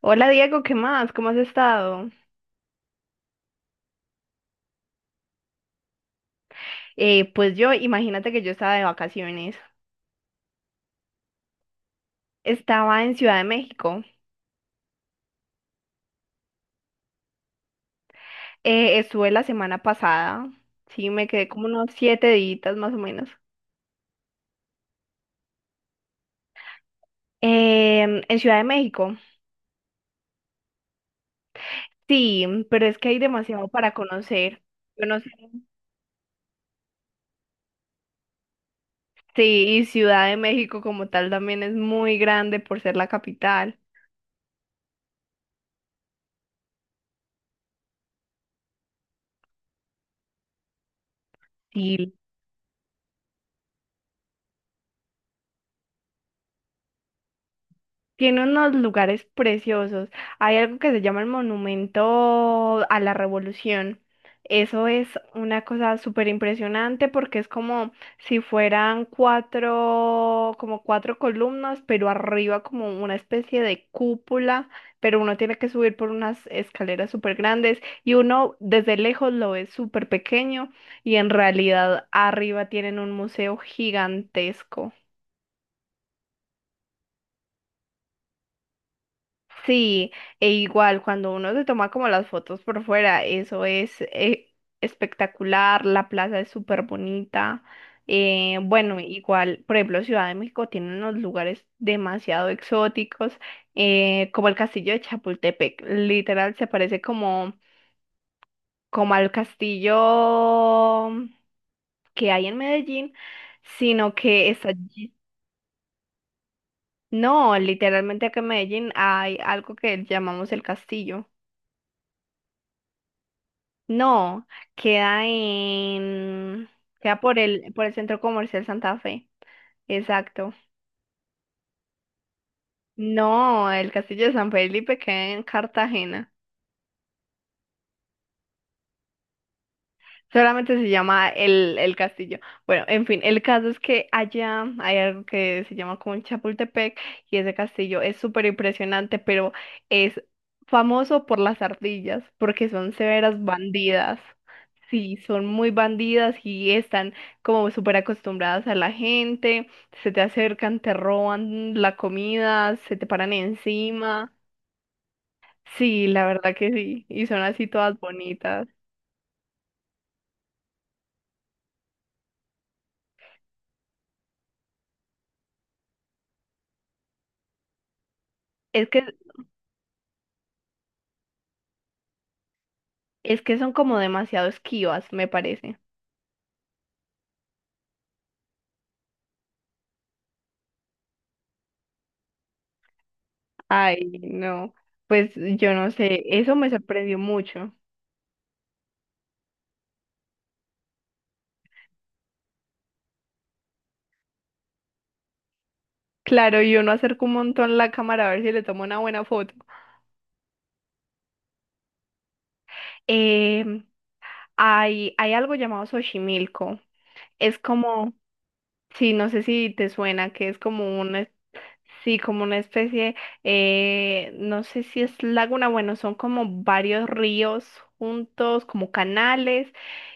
Hola Diego, ¿qué más? ¿Cómo has estado? Pues yo, imagínate que yo estaba de vacaciones. Estaba en Ciudad de México. Estuve la semana pasada. Sí, me quedé como unos 7 días más o menos. En Ciudad de México. Sí, pero es que hay demasiado para conocer. Yo no sé. Sí, y Ciudad de México como tal también es muy grande por ser la capital. Sí, tiene unos lugares preciosos. Hay algo que se llama el Monumento a la Revolución. Eso es una cosa súper impresionante porque es como si fueran cuatro, como cuatro columnas, pero arriba como una especie de cúpula, pero uno tiene que subir por unas escaleras súper grandes y uno desde lejos lo ve súper pequeño y en realidad arriba tienen un museo gigantesco. Sí, e igual cuando uno se toma como las fotos por fuera, eso es espectacular, la plaza es súper bonita. Bueno, igual, por ejemplo, Ciudad de México tiene unos lugares demasiado exóticos, como el castillo de Chapultepec, literal se parece como, como al castillo que hay en Medellín, sino que está allí. No, literalmente acá en Medellín hay algo que llamamos el castillo. No, queda en, queda por por el Centro Comercial Santa Fe. Exacto. No, el Castillo de San Felipe queda en Cartagena. Solamente se llama el castillo. Bueno, en fin, el caso es que allá hay algo que se llama como el Chapultepec y ese castillo es súper impresionante, pero es famoso por las ardillas, porque son severas bandidas. Sí, son muy bandidas y están como súper acostumbradas a la gente, se te acercan, te roban la comida, se te paran encima. Sí, la verdad que sí, y son así todas bonitas. Es que Es que son como demasiado esquivas, me parece. Ay, no. Pues yo no sé, eso me sorprendió mucho. Claro, yo no acerco un montón la cámara a ver si le tomo una buena foto. Em, hay algo llamado Xochimilco. Es como, sí, no sé si te suena, que es como un, sí, como una especie, no sé si es laguna, bueno, son como varios ríos juntos, como canales,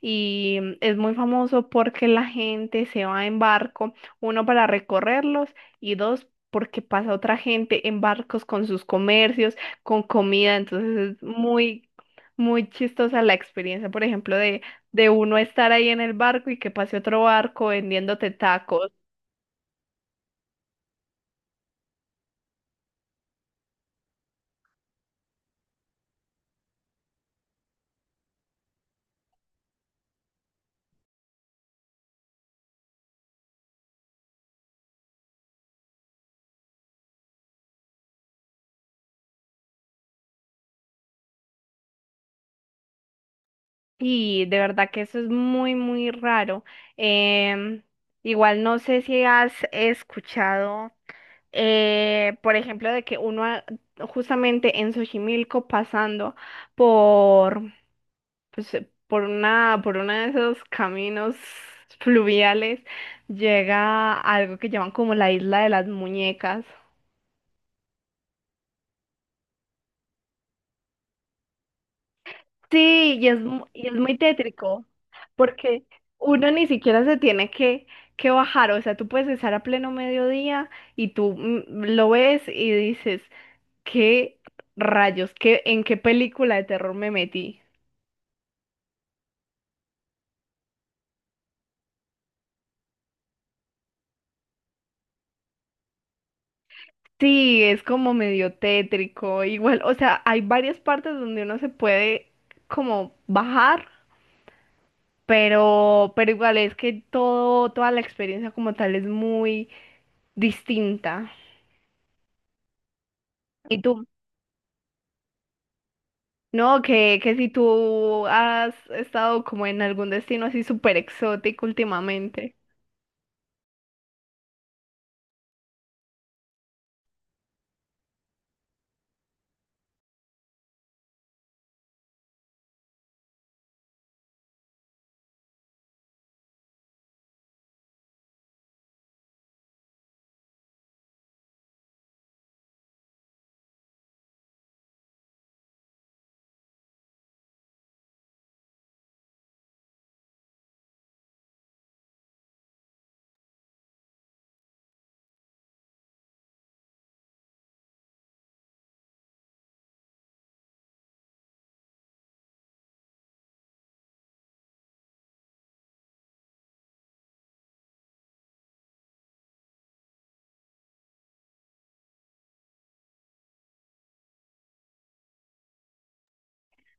y es muy famoso porque la gente se va en barco, uno para recorrerlos y dos porque pasa otra gente en barcos con sus comercios, con comida, entonces es muy, muy chistosa la experiencia, por ejemplo, de uno estar ahí en el barco y que pase otro barco vendiéndote tacos. Y de verdad que eso es muy, muy raro. Em, Igual no sé si has escuchado, por ejemplo, de que justamente en Xochimilco pasando por, pues, por una, por uno de esos caminos fluviales llega a algo que llaman como la isla de las muñecas. Sí, y es muy tétrico, porque uno ni siquiera se tiene que bajar, o sea, tú puedes estar a pleno mediodía y tú lo ves y dices, ¿qué rayos? ¿Qué, en qué película de terror me metí? Sí, es como medio tétrico, igual, o sea, hay varias partes donde uno se puede como bajar, pero igual es que toda la experiencia como tal es muy distinta. ¿Y tú? No, que si tú has estado como en algún destino así súper exótico últimamente.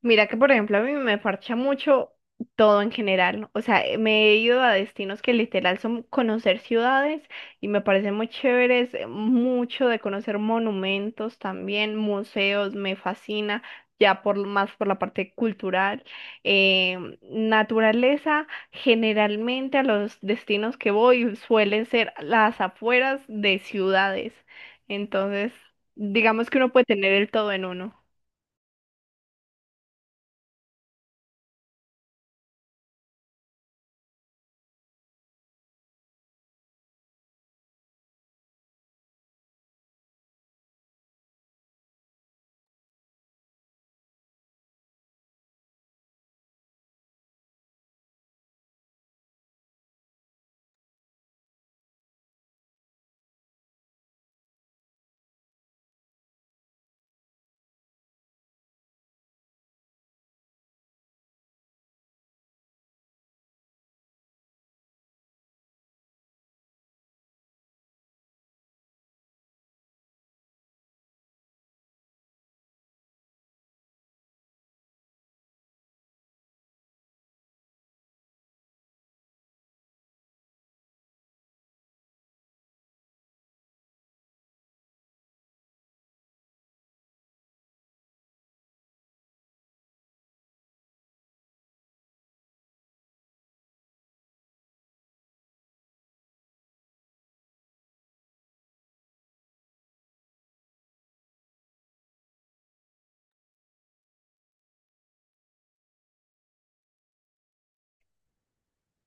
Mira que, por ejemplo, a mí me parcha mucho todo en general. O sea, me he ido a destinos que literal son conocer ciudades y me parecen muy chéveres, mucho de conocer monumentos también, museos, me fascina, ya por más por la parte cultural. Eh, Naturaleza, generalmente a los destinos que voy suelen ser las afueras de ciudades. Entonces, digamos que uno puede tener el todo en uno.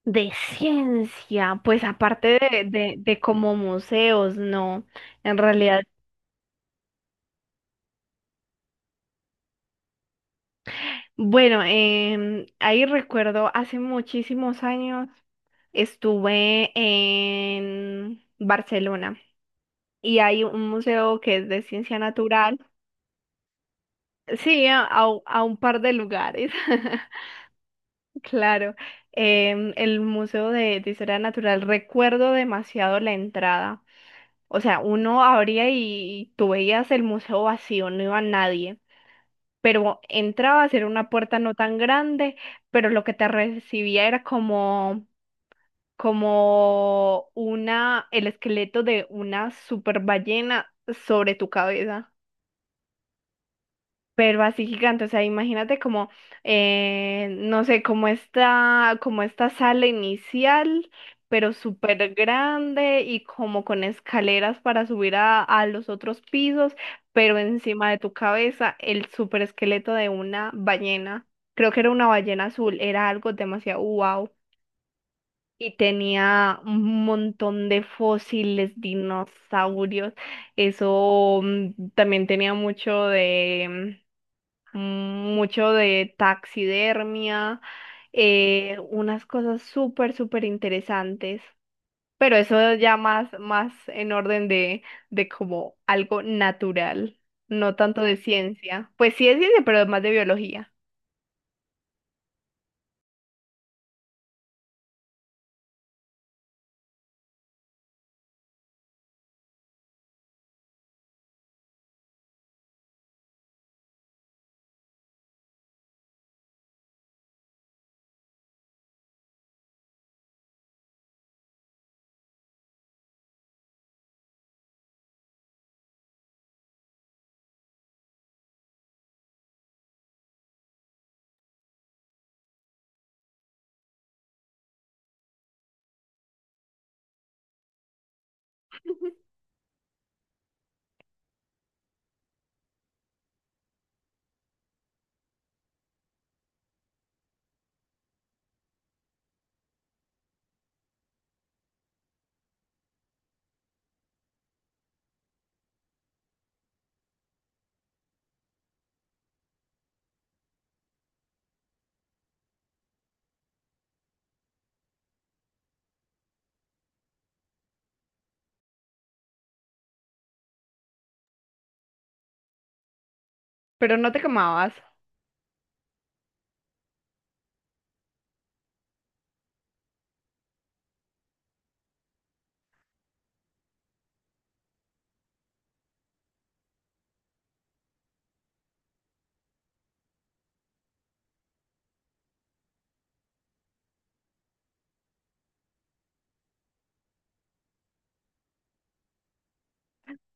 De ciencia, pues aparte de como museos, no, en realidad. Bueno, ahí recuerdo hace muchísimos años estuve en Barcelona y hay un museo que es de ciencia natural. Sí, a un par de lugares, claro. El Museo de Historia Natural, recuerdo demasiado la entrada. O sea, uno abría y tú veías el museo vacío, no iba nadie. Pero entrabas, era una puerta no tan grande, pero lo que te recibía era como, como una, el esqueleto de una super ballena sobre tu cabeza. Pero así gigante, o sea, imagínate como, no sé, como esta sala inicial, pero súper grande y como con escaleras para subir a los otros pisos, pero encima de tu cabeza el súper esqueleto de una ballena, creo que era una ballena azul, era algo demasiado wow. Y tenía un montón de fósiles, dinosaurios. Eso también tenía mucho de, mm, mucho de taxidermia, unas cosas súper, súper interesantes, pero eso ya más, más en orden de como algo natural, no tanto de ciencia. Pues sí es ciencia, pero más de biología. Pero no te quemabas.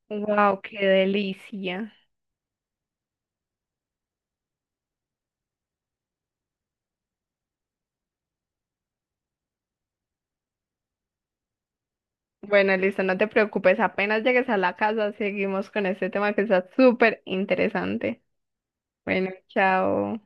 Wow, qué delicia. Bueno, listo, no te preocupes, apenas llegues a la casa, seguimos con este tema que está súper interesante. Bueno, chao.